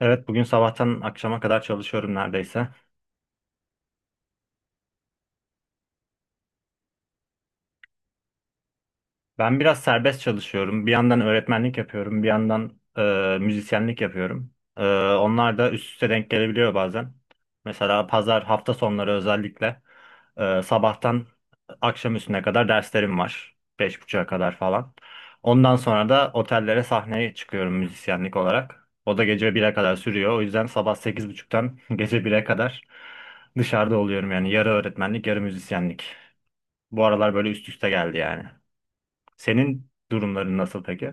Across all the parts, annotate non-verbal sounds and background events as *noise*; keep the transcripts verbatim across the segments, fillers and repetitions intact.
Evet, bugün sabahtan akşama kadar çalışıyorum neredeyse. Ben biraz serbest çalışıyorum. Bir yandan öğretmenlik yapıyorum, bir yandan e, müzisyenlik yapıyorum. E, onlar da üst üste denk gelebiliyor bazen. Mesela pazar, hafta sonları özellikle e, sabahtan akşam üstüne kadar derslerim var. Beş buçuğa kadar falan. Ondan sonra da otellere sahneye çıkıyorum müzisyenlik olarak. O da gece bire kadar sürüyor. O yüzden sabah sekiz buçuktan *laughs* gece bire kadar dışarıda oluyorum yani. Yarı öğretmenlik, yarı müzisyenlik. Bu aralar böyle üst üste geldi yani. Senin durumların nasıl peki?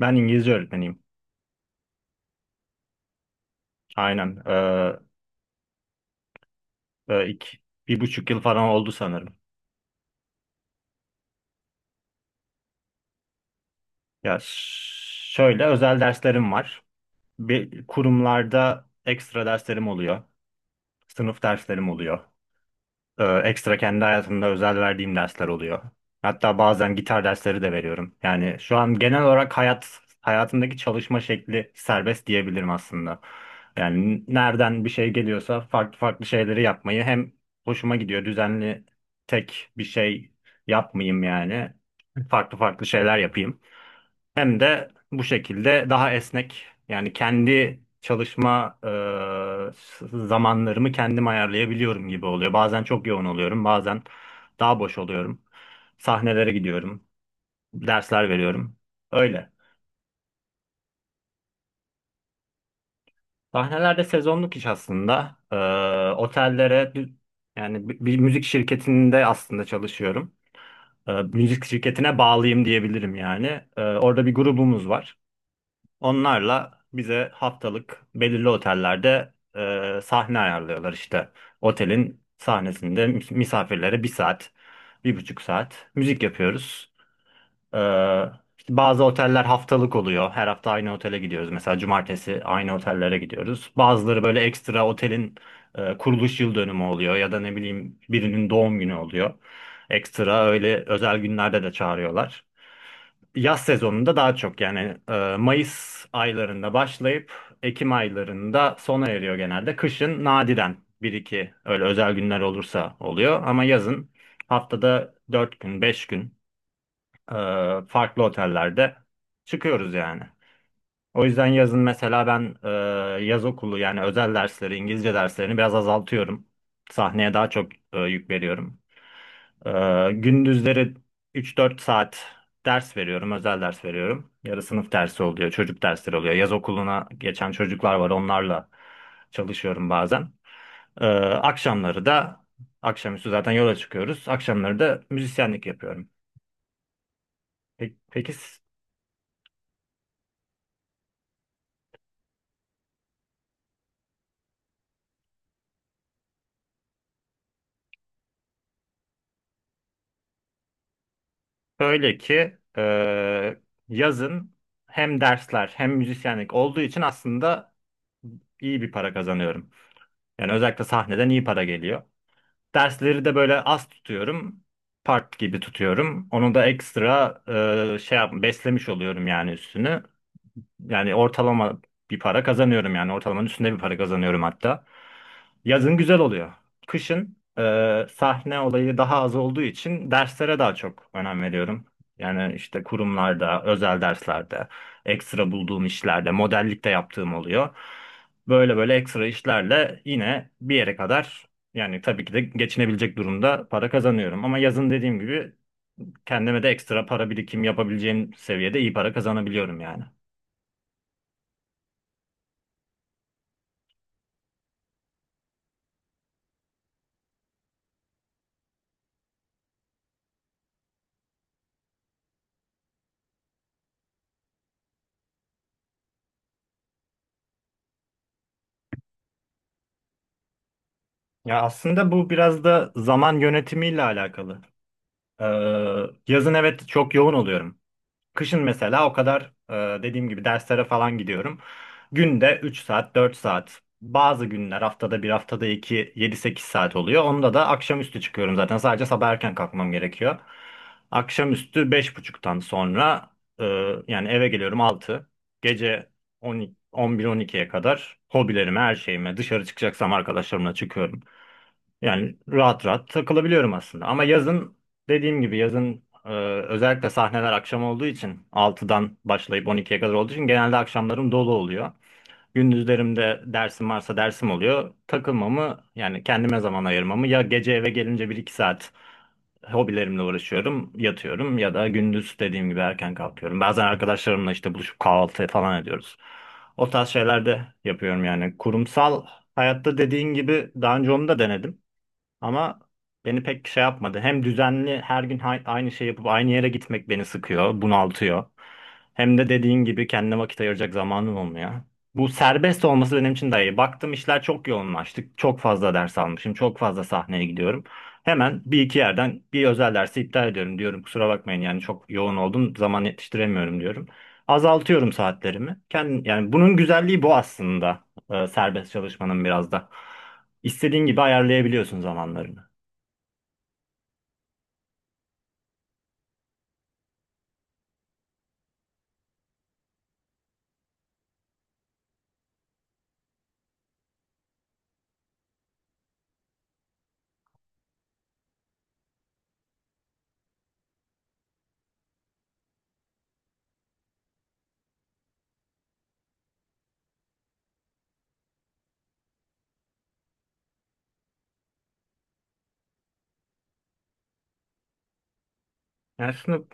Ben İngilizce öğretmeniyim. Aynen. Ee, e, ilk bir buçuk yıl falan oldu sanırım. Ya ş- Şöyle özel derslerim var. Bir kurumlarda ekstra derslerim oluyor. Sınıf derslerim oluyor. Ee, ekstra kendi hayatımda özel verdiğim dersler oluyor. Hatta bazen gitar dersleri de veriyorum. Yani şu an genel olarak hayat hayatımdaki çalışma şekli serbest diyebilirim aslında. Yani nereden bir şey geliyorsa farklı farklı şeyleri yapmayı hem hoşuma gidiyor, düzenli tek bir şey yapmayayım yani. Farklı farklı şeyler yapayım. Hem de bu şekilde daha esnek, yani kendi çalışma e, zamanlarımı kendim ayarlayabiliyorum gibi oluyor. Bazen çok yoğun oluyorum, bazen daha boş oluyorum. Sahnelere gidiyorum, dersler veriyorum. Öyle. Sahnelerde sezonluk iş aslında. E, otellere, yani bir bir müzik şirketinde aslında çalışıyorum. E, müzik şirketine bağlıyım diyebilirim yani. E, orada bir grubumuz var. Onlarla bize haftalık belirli otellerde e, sahne ayarlıyorlar işte. Otelin sahnesinde mis- misafirlere bir saat, bir buçuk saat müzik yapıyoruz. E, işte bazı oteller haftalık oluyor. Her hafta aynı otele gidiyoruz. Mesela cumartesi aynı otellere gidiyoruz. Bazıları böyle ekstra otelin e, kuruluş yıl dönümü oluyor, ya da ne bileyim birinin doğum günü oluyor. Ekstra öyle özel günlerde de çağırıyorlar. Yaz sezonunda daha çok, yani e, Mayıs aylarında başlayıp Ekim aylarında sona eriyor genelde. Kışın nadiren bir iki öyle özel günler olursa oluyor ama yazın haftada dört gün beş gün e, farklı otellerde çıkıyoruz yani. O yüzden yazın mesela ben e, yaz okulu, yani özel dersleri, İngilizce derslerini biraz azaltıyorum. Sahneye daha çok e, yük veriyorum. Ee, gündüzleri üç dört saat ders veriyorum, özel ders veriyorum. Yarı sınıf dersi oluyor, çocuk dersleri oluyor. Yaz okuluna geçen çocuklar var, onlarla çalışıyorum bazen. Ee, akşamları da, akşamüstü zaten yola çıkıyoruz. Akşamları da müzisyenlik yapıyorum. Peki, peki böyle ki e, yazın hem dersler hem müzisyenlik olduğu için aslında iyi bir para kazanıyorum. Yani özellikle sahneden iyi para geliyor. Dersleri de böyle az tutuyorum. Part gibi tutuyorum. Onu da ekstra e, şey yap, beslemiş oluyorum yani üstünü. Yani ortalama bir para kazanıyorum, yani ortalamanın üstünde bir para kazanıyorum hatta. Yazın güzel oluyor. Kışın e, sahne olayı daha az olduğu için derslere daha çok önem veriyorum. Yani işte kurumlarda, özel derslerde, ekstra bulduğum işlerde, modellik de yaptığım oluyor. Böyle böyle ekstra işlerle yine bir yere kadar, yani tabii ki de geçinebilecek durumda para kazanıyorum. Ama yazın dediğim gibi kendime de ekstra para birikim yapabileceğim seviyede iyi para kazanabiliyorum yani. Ya aslında bu biraz da zaman yönetimiyle alakalı. Ee, Yazın evet çok yoğun oluyorum. Kışın mesela o kadar e, dediğim gibi derslere falan gidiyorum. Günde üç saat, dört saat. Bazı günler haftada bir, haftada iki, yedi sekiz saat oluyor. Onda da akşamüstü çıkıyorum zaten. Sadece sabah erken kalkmam gerekiyor. Akşamüstü beş buçuktan sonra e, yani eve geliyorum altı. Gece on, on bir, on ikiye kadar hobilerime, her şeyime, dışarı çıkacaksam arkadaşlarımla çıkıyorum. Yani rahat rahat takılabiliyorum aslında. Ama yazın dediğim gibi yazın e, özellikle sahneler akşam olduğu için altıdan başlayıp on ikiye kadar olduğu için genelde akşamlarım dolu oluyor. Gündüzlerimde dersim varsa dersim oluyor. Takılmamı, yani kendime zaman ayırmamı ya gece eve gelince bir iki saat hobilerimle uğraşıyorum, yatıyorum, ya da gündüz dediğim gibi erken kalkıyorum. Bazen arkadaşlarımla işte buluşup kahvaltı falan ediyoruz. O tarz şeyler de yapıyorum yani. Kurumsal hayatta dediğin gibi daha önce onu da denedim. Ama beni pek şey yapmadı. Hem düzenli her gün hay- aynı şey yapıp aynı yere gitmek beni sıkıyor, bunaltıyor. Hem de dediğin gibi kendine vakit ayıracak zamanım olmuyor. Bu serbest olması benim için daha iyi. Baktım işler çok yoğunlaştı. Çok fazla ders almışım. Çok fazla sahneye gidiyorum. Hemen bir iki yerden bir özel dersi iptal ediyorum diyorum. Kusura bakmayın, yani çok yoğun oldum, zaman yetiştiremiyorum diyorum. Azaltıyorum saatlerimi. Kendim, yani bunun güzelliği bu aslında. E, serbest çalışmanın biraz da. İstediğin gibi ayarlayabiliyorsun zamanlarını. Yani aslında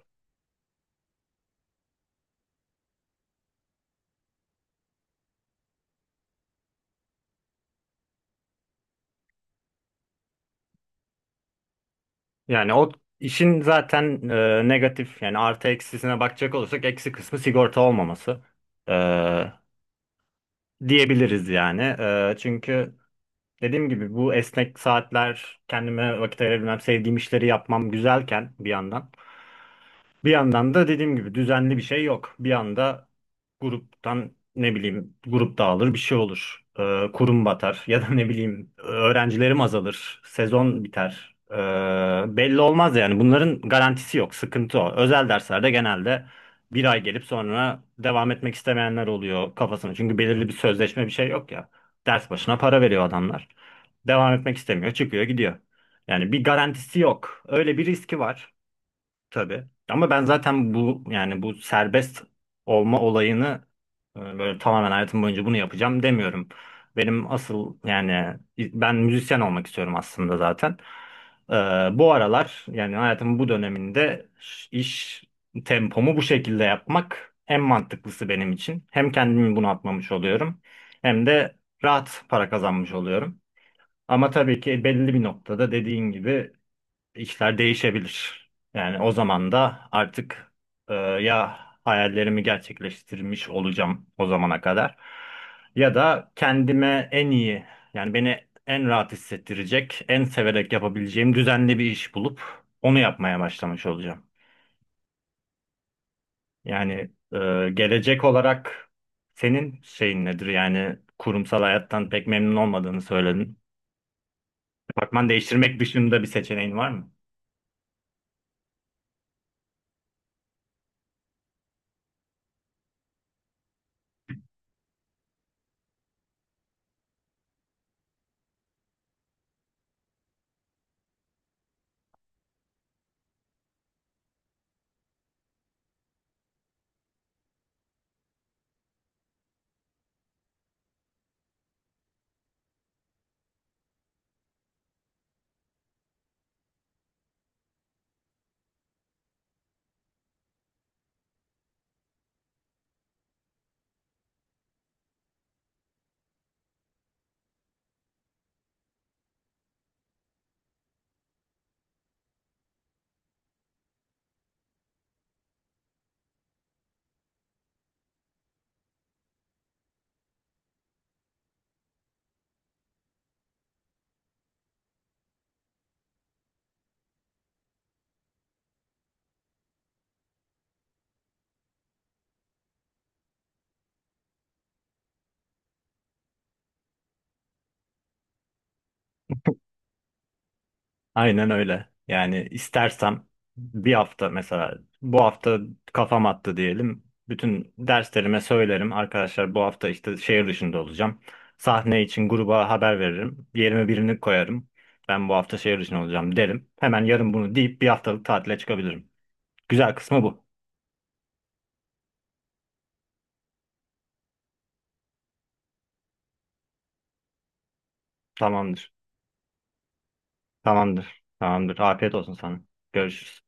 yani o işin zaten e, negatif, yani artı eksisine bakacak olursak eksi kısmı sigorta olmaması e, diyebiliriz yani. E, çünkü dediğim gibi bu esnek saatler, kendime vakit ayırabilmem, sevdiğim işleri yapmam güzelken bir yandan. Bir yandan da dediğim gibi düzenli bir şey yok. Bir anda gruptan, ne bileyim, grup dağılır, bir şey olur. Ee, kurum batar *laughs* ya da ne bileyim öğrencilerim azalır, sezon biter. Ee, belli olmaz yani, bunların garantisi yok. Sıkıntı o. Özel derslerde genelde bir ay gelip sonra devam etmek istemeyenler oluyor kafasına. Çünkü belirli bir sözleşme bir şey yok ya. Ders başına para veriyor adamlar. Devam etmek istemiyor, çıkıyor, gidiyor. Yani bir garantisi yok. Öyle bir riski var. Tabii. Ama ben zaten bu yani bu serbest olma olayını e, böyle tamamen hayatım boyunca bunu yapacağım demiyorum. Benim asıl, yani ben müzisyen olmak istiyorum aslında zaten. Ee, Bu aralar, yani hayatımın bu döneminde ş- iş tempomu bu şekilde yapmak en mantıklısı benim için. Hem kendimi bunaltmamış oluyorum hem de rahat para kazanmış oluyorum. Ama tabii ki belli bir noktada dediğin gibi işler değişebilir. Yani o zaman da artık e, ya hayallerimi gerçekleştirmiş olacağım o zamana kadar, ya da kendime en iyi, yani beni en rahat hissettirecek, en severek yapabileceğim düzenli bir iş bulup onu yapmaya başlamış olacağım. Yani e, gelecek olarak senin şeyin nedir? Yani kurumsal hayattan pek memnun olmadığını söyledin. Departman değiştirmek dışında bir seçeneğin var mı? Aynen öyle. Yani istersem bir hafta, mesela bu hafta kafam attı diyelim. Bütün derslerime söylerim. Arkadaşlar, bu hafta işte şehir dışında olacağım. Sahne için gruba haber veririm. Yerime birini koyarım. Ben bu hafta şehir dışında olacağım derim. Hemen yarın bunu deyip bir haftalık tatile çıkabilirim. Güzel kısmı bu. Tamamdır. Tamamdır. Tamamdır. Afiyet olsun sana. Görüşürüz.